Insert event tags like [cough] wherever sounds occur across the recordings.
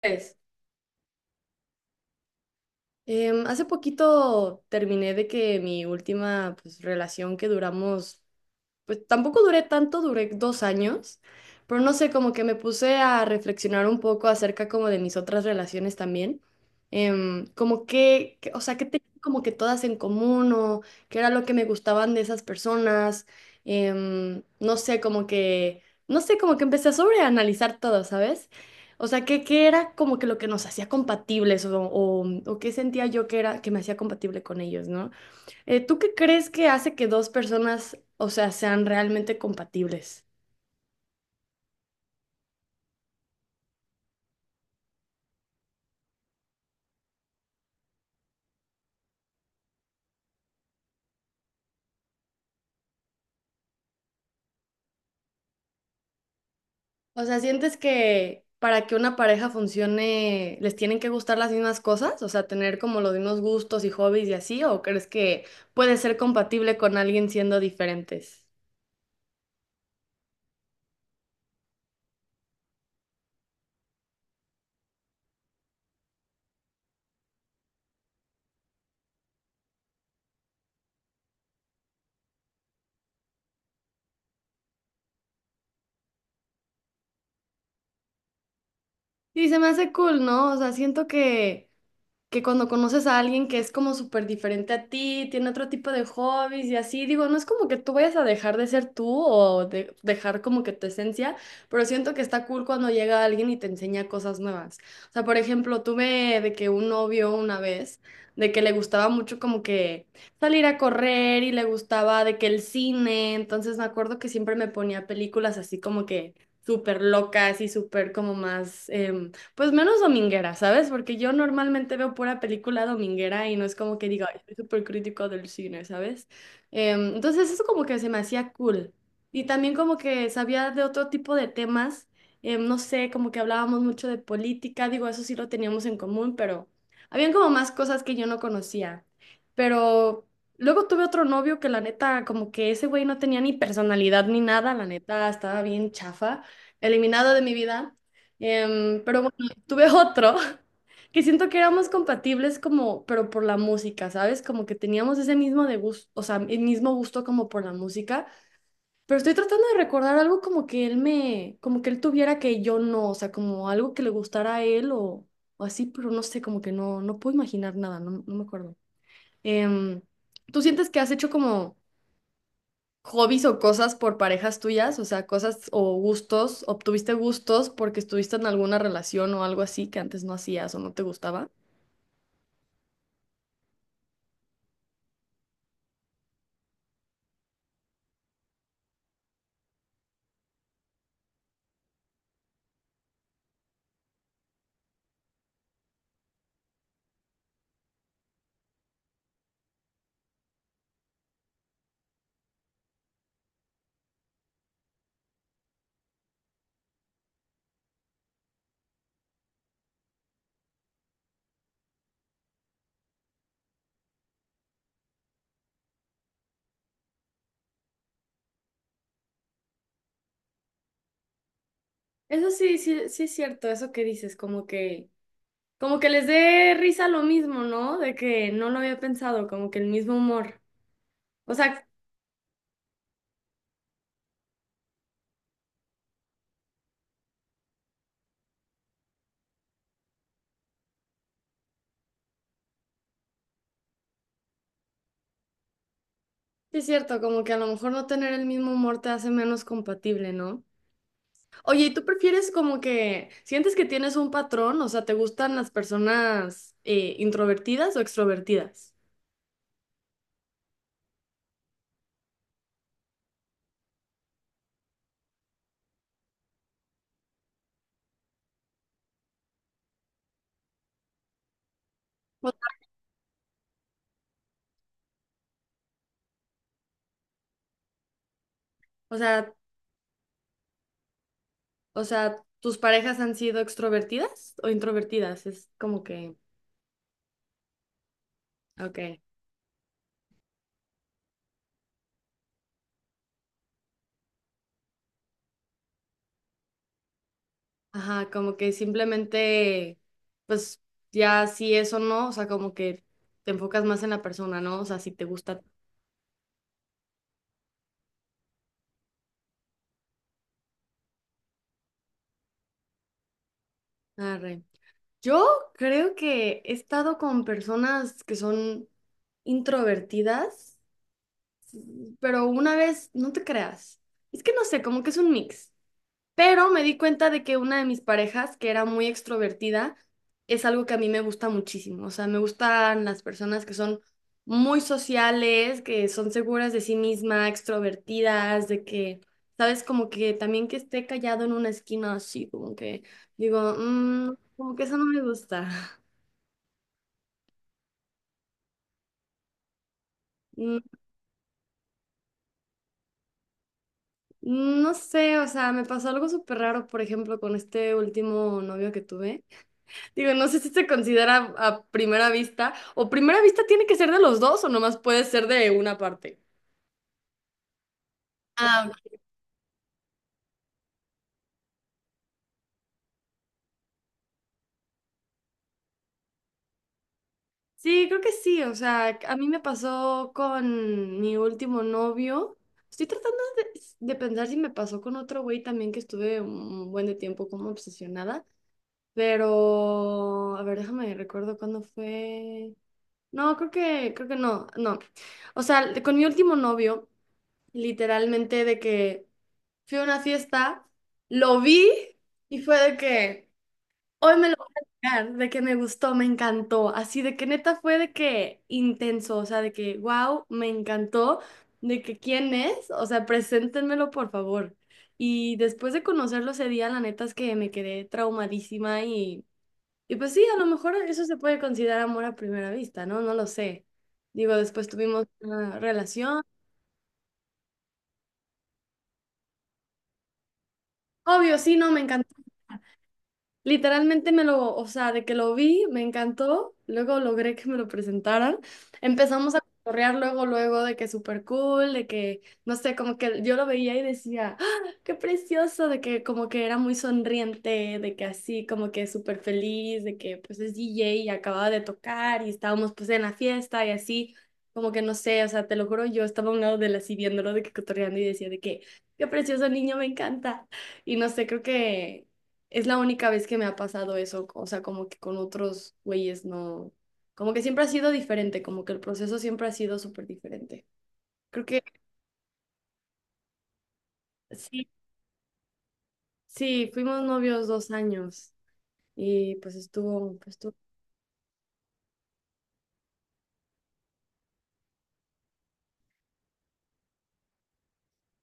Pues, hace poquito terminé de que mi última pues, relación que duramos pues tampoco duré tanto, duré 2 años, pero no sé, como que me puse a reflexionar un poco acerca como de mis otras relaciones también, como que, o sea, que tenían como que todas en común o qué era lo que me gustaban de esas personas, no sé, como que, no sé, como que empecé a sobreanalizar todo, ¿sabes? O sea, que era como que lo que nos hacía compatibles o qué sentía yo que era, que me hacía compatible con ellos, ¿no? ¿Tú qué crees que hace que dos personas, o sea, sean realmente compatibles? O sea, ¿sientes que para que una pareja funcione les tienen que gustar las mismas cosas? O sea, tener como los mismos gustos y hobbies y así, ¿o crees que puede ser compatible con alguien siendo diferentes? Y se me hace cool, ¿no? O sea, siento que cuando conoces a alguien que es como súper diferente a ti, tiene otro tipo de hobbies y así, digo, no es como que tú vayas a dejar de ser tú o dejar como que tu esencia, pero siento que está cool cuando llega alguien y te enseña cosas nuevas. O sea, por ejemplo, tuve de que un novio una vez, de que le gustaba mucho como que salir a correr y le gustaba de que el cine, entonces me acuerdo que siempre me ponía películas así como que súper locas y súper como más... pues menos dominguera, ¿sabes? Porque yo normalmente veo pura película dominguera y no es como que diga, "Ay, soy súper crítico del cine", ¿sabes? Entonces eso como que se me hacía cool. Y también como que sabía de otro tipo de temas, no sé, como que hablábamos mucho de política, digo, eso sí lo teníamos en común, pero habían como más cosas que yo no conocía. Pero luego tuve otro novio que la neta, como que ese güey no tenía ni personalidad ni nada, la neta, estaba bien chafa, eliminado de mi vida. Pero tuve otro [laughs] que siento que éramos compatibles como, pero por la música, ¿sabes? Como que teníamos ese mismo de gusto, o sea, el mismo gusto como por la música, pero estoy tratando de recordar algo como que él me, como que él tuviera que yo no, o sea, como algo que le gustara a él o así, pero no sé, como que no, no puedo imaginar nada, no, no me acuerdo. Em, ¿Tú sientes que has hecho como hobbies o cosas por parejas tuyas, o sea, cosas o gustos, obtuviste gustos porque estuviste en alguna relación o algo así que antes no hacías o no te gustaba? Eso sí, sí, sí es cierto, eso que dices, como que les dé risa lo mismo, ¿no? De que no lo había pensado, como que el mismo humor. O sea, sí es cierto, como que a lo mejor no tener el mismo humor te hace menos compatible, ¿no? Oye, ¿y tú prefieres como que sientes que tienes un patrón? O sea, ¿te gustan las personas introvertidas o extrovertidas? O sea, ¿tus parejas han sido extrovertidas o introvertidas? Es como que, ok. Ajá, como que simplemente, pues ya si eso no, o sea, como que te enfocas más en la persona, ¿no? O sea, si te gusta. Arre. Yo creo que he estado con personas que son introvertidas, pero una vez, no te creas. Es que no sé, como que es un mix. Pero me di cuenta de que una de mis parejas, que era muy extrovertida, es algo que a mí me gusta muchísimo. O sea, me gustan las personas que son muy sociales, que son seguras de sí misma, extrovertidas, de que, sabes, como que también que esté callado en una esquina así, como que digo, "Mm, como que eso no me gusta". [laughs] Mm, no sé, o sea, me pasó algo súper raro, por ejemplo, con este último novio que tuve. Digo, no sé si se considera a primera vista, o primera vista tiene que ser de los dos, o nomás puede ser de una parte. Ah, ok. Sí, creo que sí, o sea, a mí me pasó con mi último novio. Estoy tratando de pensar si me pasó con otro güey también que estuve un buen de tiempo como obsesionada, pero a ver, déjame recuerdo cuándo fue. No, creo que no, no. O sea, con mi último novio, literalmente de que fui a una fiesta, lo vi y fue de que hoy me lo voy a sacar, de que me gustó, me encantó, así de que neta fue de que intenso, o sea, de que wow, me encantó, de que quién es, o sea, preséntenmelo por favor. Y después de conocerlo ese día, la neta es que me quedé traumadísima y pues sí, a lo mejor eso se puede considerar amor a primera vista, ¿no? No lo sé. Digo, después tuvimos una relación. Obvio, sí, no, me encantó. Literalmente me lo, o sea, de que lo vi, me encantó, luego logré que me lo presentaran. Empezamos a cotorrear luego, luego de que súper cool, de que, no sé, como que yo lo veía y decía, "¡Ah, qué precioso!", de que como que era muy sonriente, de que así, como que súper feliz, de que pues es DJ y acababa de tocar y estábamos pues en la fiesta y así, como que no sé, o sea, te lo juro, yo estaba a un lado de él así viéndolo, de que cotorreando y decía de que, qué precioso niño, me encanta. Y no sé, creo que... Es la única vez que me ha pasado eso, o sea, como que con otros güeyes no, como que siempre ha sido diferente, como que el proceso siempre ha sido súper diferente. Creo que sí, sí, fuimos novios 2 años y pues estuvo, pues estuvo.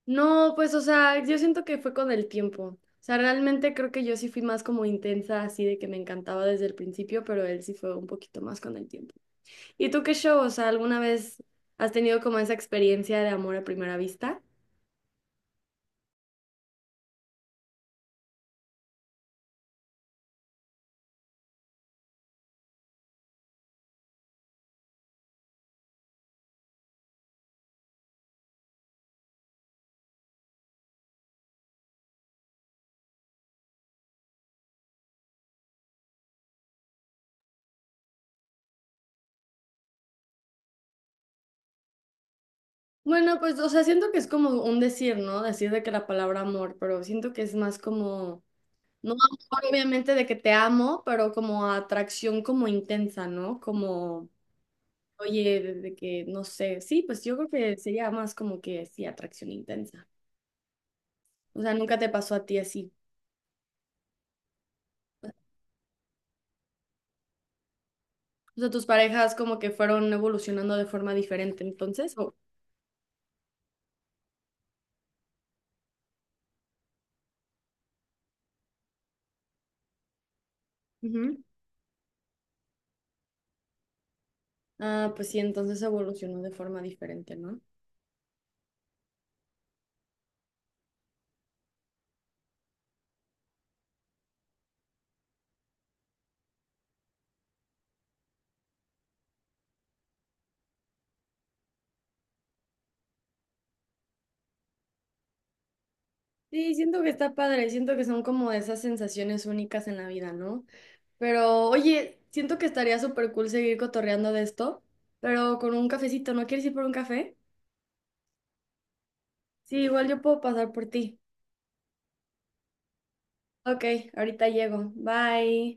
No, pues o sea, yo siento que fue con el tiempo. O sea, realmente creo que yo sí fui más como intensa, así de que me encantaba desde el principio, pero él sí fue un poquito más con el tiempo. ¿Y tú qué show? O sea, ¿alguna vez has tenido como esa experiencia de amor a primera vista? Bueno, pues, o sea, siento que es como un decir, ¿no? Decir de que la palabra amor, pero siento que es más como, no amor obviamente de que te amo, pero como atracción como intensa, ¿no? Como... Oye, desde que, no sé, sí, pues yo creo que sería más como que, sí, atracción intensa. O sea, nunca te pasó a ti así. O sea, tus parejas como que fueron evolucionando de forma diferente, entonces, o, ujú. Ah, pues sí, entonces evolucionó de forma diferente, ¿no? Sí, siento que está padre, siento que son como de esas sensaciones únicas en la vida, ¿no? Pero, oye, siento que estaría súper cool seguir cotorreando de esto, pero con un cafecito, ¿no quieres ir por un café? Sí, igual yo puedo pasar por ti. Ok, ahorita llego. Bye.